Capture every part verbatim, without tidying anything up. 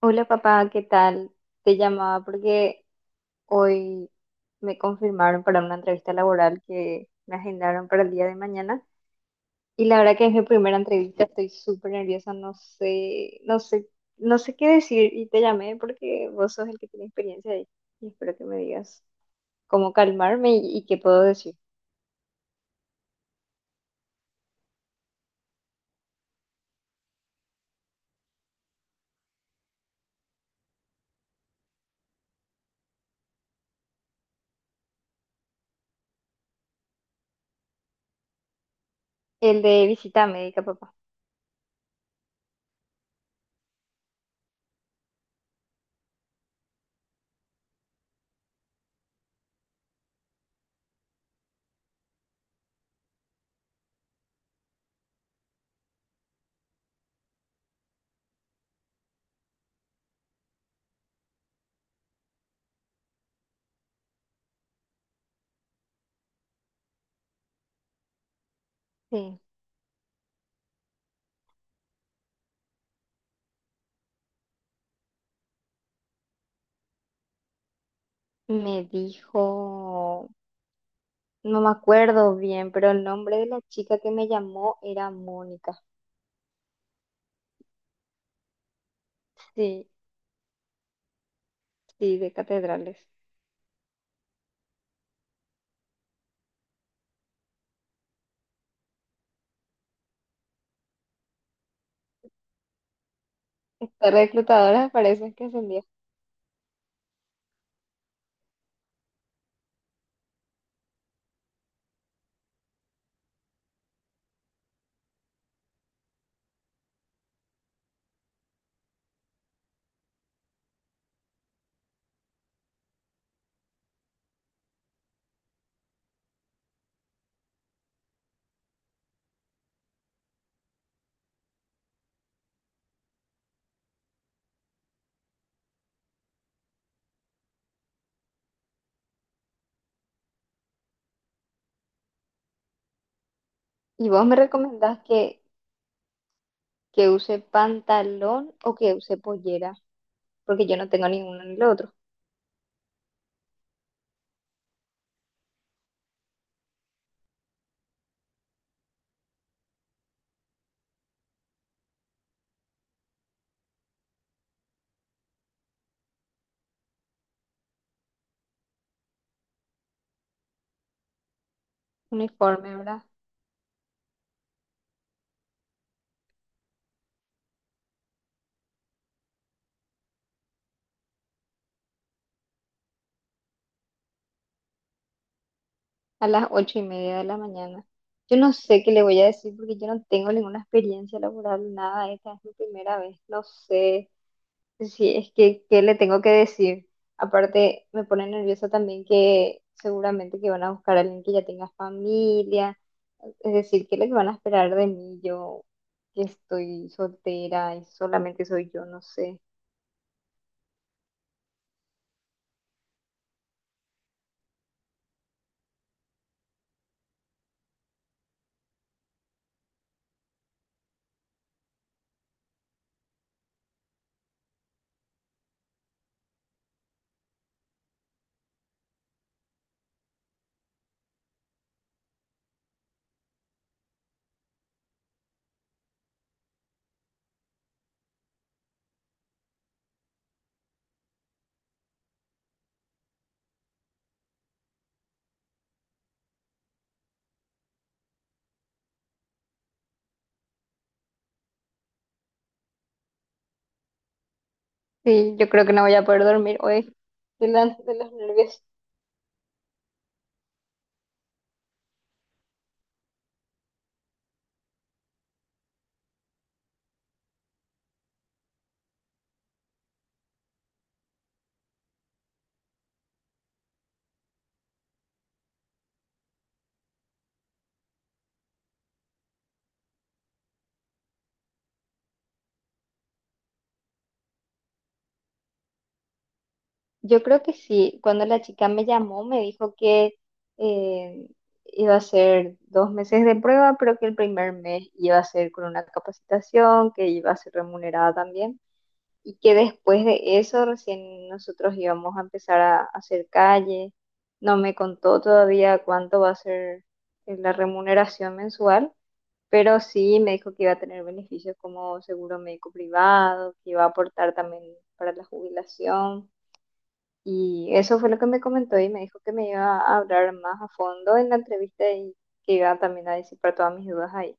Hola papá, ¿qué tal? Te llamaba porque hoy me confirmaron para una entrevista laboral que me agendaron para el día de mañana y la verdad que es mi primera entrevista, estoy súper nerviosa, no sé, no sé, no sé qué decir y te llamé porque vos sos el que tiene experiencia ahí y espero que me digas cómo calmarme y, y qué puedo decir. El de visita médica, papá. Sí, me dijo, no me acuerdo bien, pero el nombre de la chica que me llamó era Mónica. Sí, sí, de catedrales. Estas reclutadoras parecen que ascendía. ¿Y vos me recomendás que, que use pantalón o que use pollera? Porque yo no tengo ninguno ni lo otro. Uniforme, ¿verdad? A las ocho y media de la mañana. Yo no sé qué le voy a decir porque yo no tengo ninguna experiencia laboral, nada. Esta es mi primera vez. No sé. Sí, es que, ¿qué le tengo que decir? Aparte, me pone nerviosa también que seguramente que van a buscar a alguien que ya tenga familia. Es decir, ¿qué es lo que van a esperar de mí? Yo que estoy soltera y solamente soy yo, no sé. Sí, yo creo que no voy a poder dormir hoy de la- de los nervios. Yo creo que sí. Cuando la chica me llamó, me dijo que eh, iba a ser dos meses de prueba, pero que el primer mes iba a ser con una capacitación, que iba a ser remunerada también, y que después de eso recién nosotros íbamos a empezar a, a hacer calle. No me contó todavía cuánto va a ser eh, la remuneración mensual, pero sí me dijo que iba a tener beneficios como seguro médico privado, que iba a aportar también para la jubilación y eso fue lo que me comentó y me dijo que me iba a hablar más a fondo en la entrevista y que iba también a disipar todas mis dudas ahí.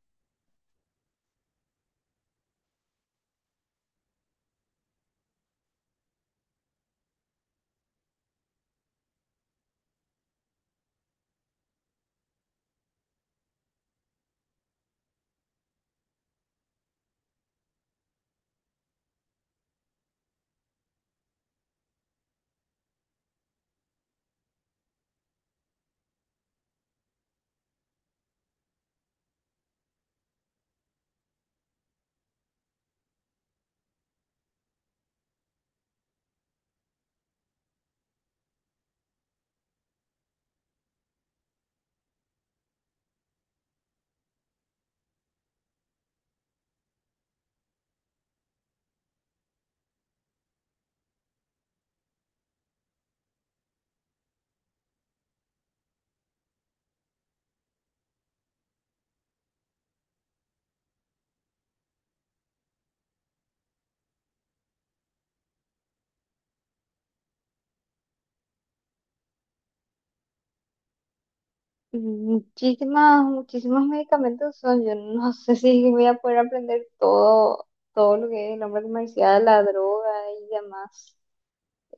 Muchísimas, muchísimos medicamentos son. Yo no sé si voy a poder aprender todo, todo lo que es el hombre comercial, la droga y demás.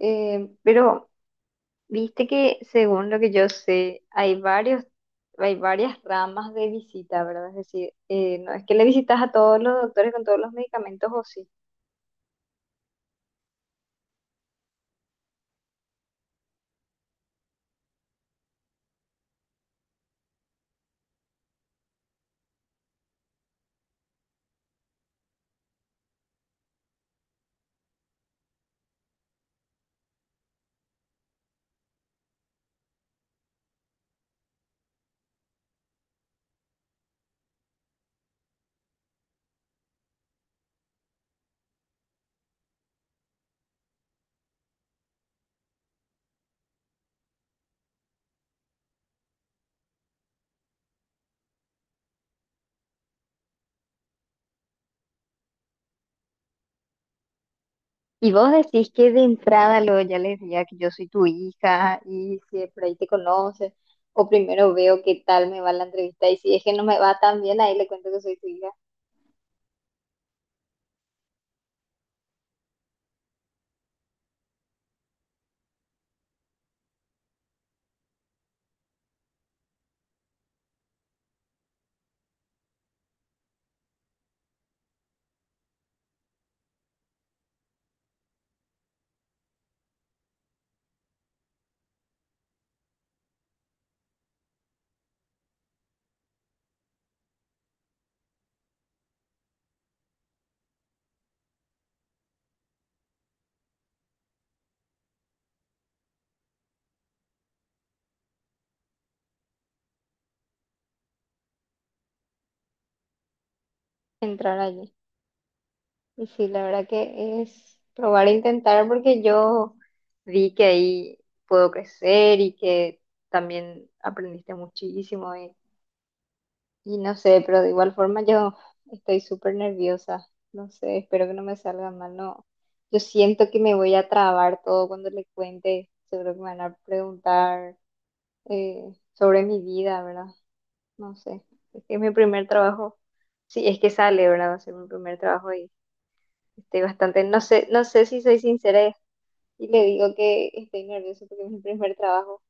Eh, pero viste que según lo que yo sé, hay varios, hay varias ramas de visita, ¿verdad? Es decir, eh, no es que le visitas a todos los doctores con todos los medicamentos o sí. Y vos decís que de entrada luego ya le decía que yo soy tu hija y si de por ahí te conoces, o primero veo qué tal me va la entrevista y si es que no me va tan bien, ahí le cuento que soy tu hija, entrar allí. Y sí, la verdad que es probar e intentar porque yo vi que ahí puedo crecer y que también aprendiste muchísimo. y Y no sé, pero de igual forma yo estoy súper nerviosa. No sé, espero que no me salga mal. No, yo siento que me voy a trabar todo cuando le cuente. Seguro que me van a preguntar eh, sobre mi vida, ¿verdad? No sé. Es es mi primer trabajo. Sí, es que sale, ¿verdad? Va a ser mi primer trabajo y estoy bastante. No sé, no sé si soy sincera y le digo que estoy nerviosa porque es mi primer trabajo.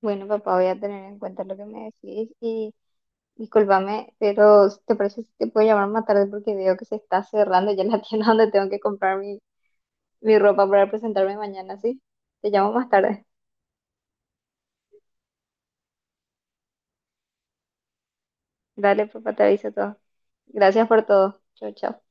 Bueno, papá, voy a tener en cuenta lo que me decís. Discúlpame, pero ¿te parece si te puedo llamar más tarde? Porque veo que se está cerrando ya la tienda donde tengo que comprar mi, mi ropa para presentarme mañana, ¿sí? Te llamo más tarde. Dale, papá, te aviso todo. Gracias por todo. Chao, chao.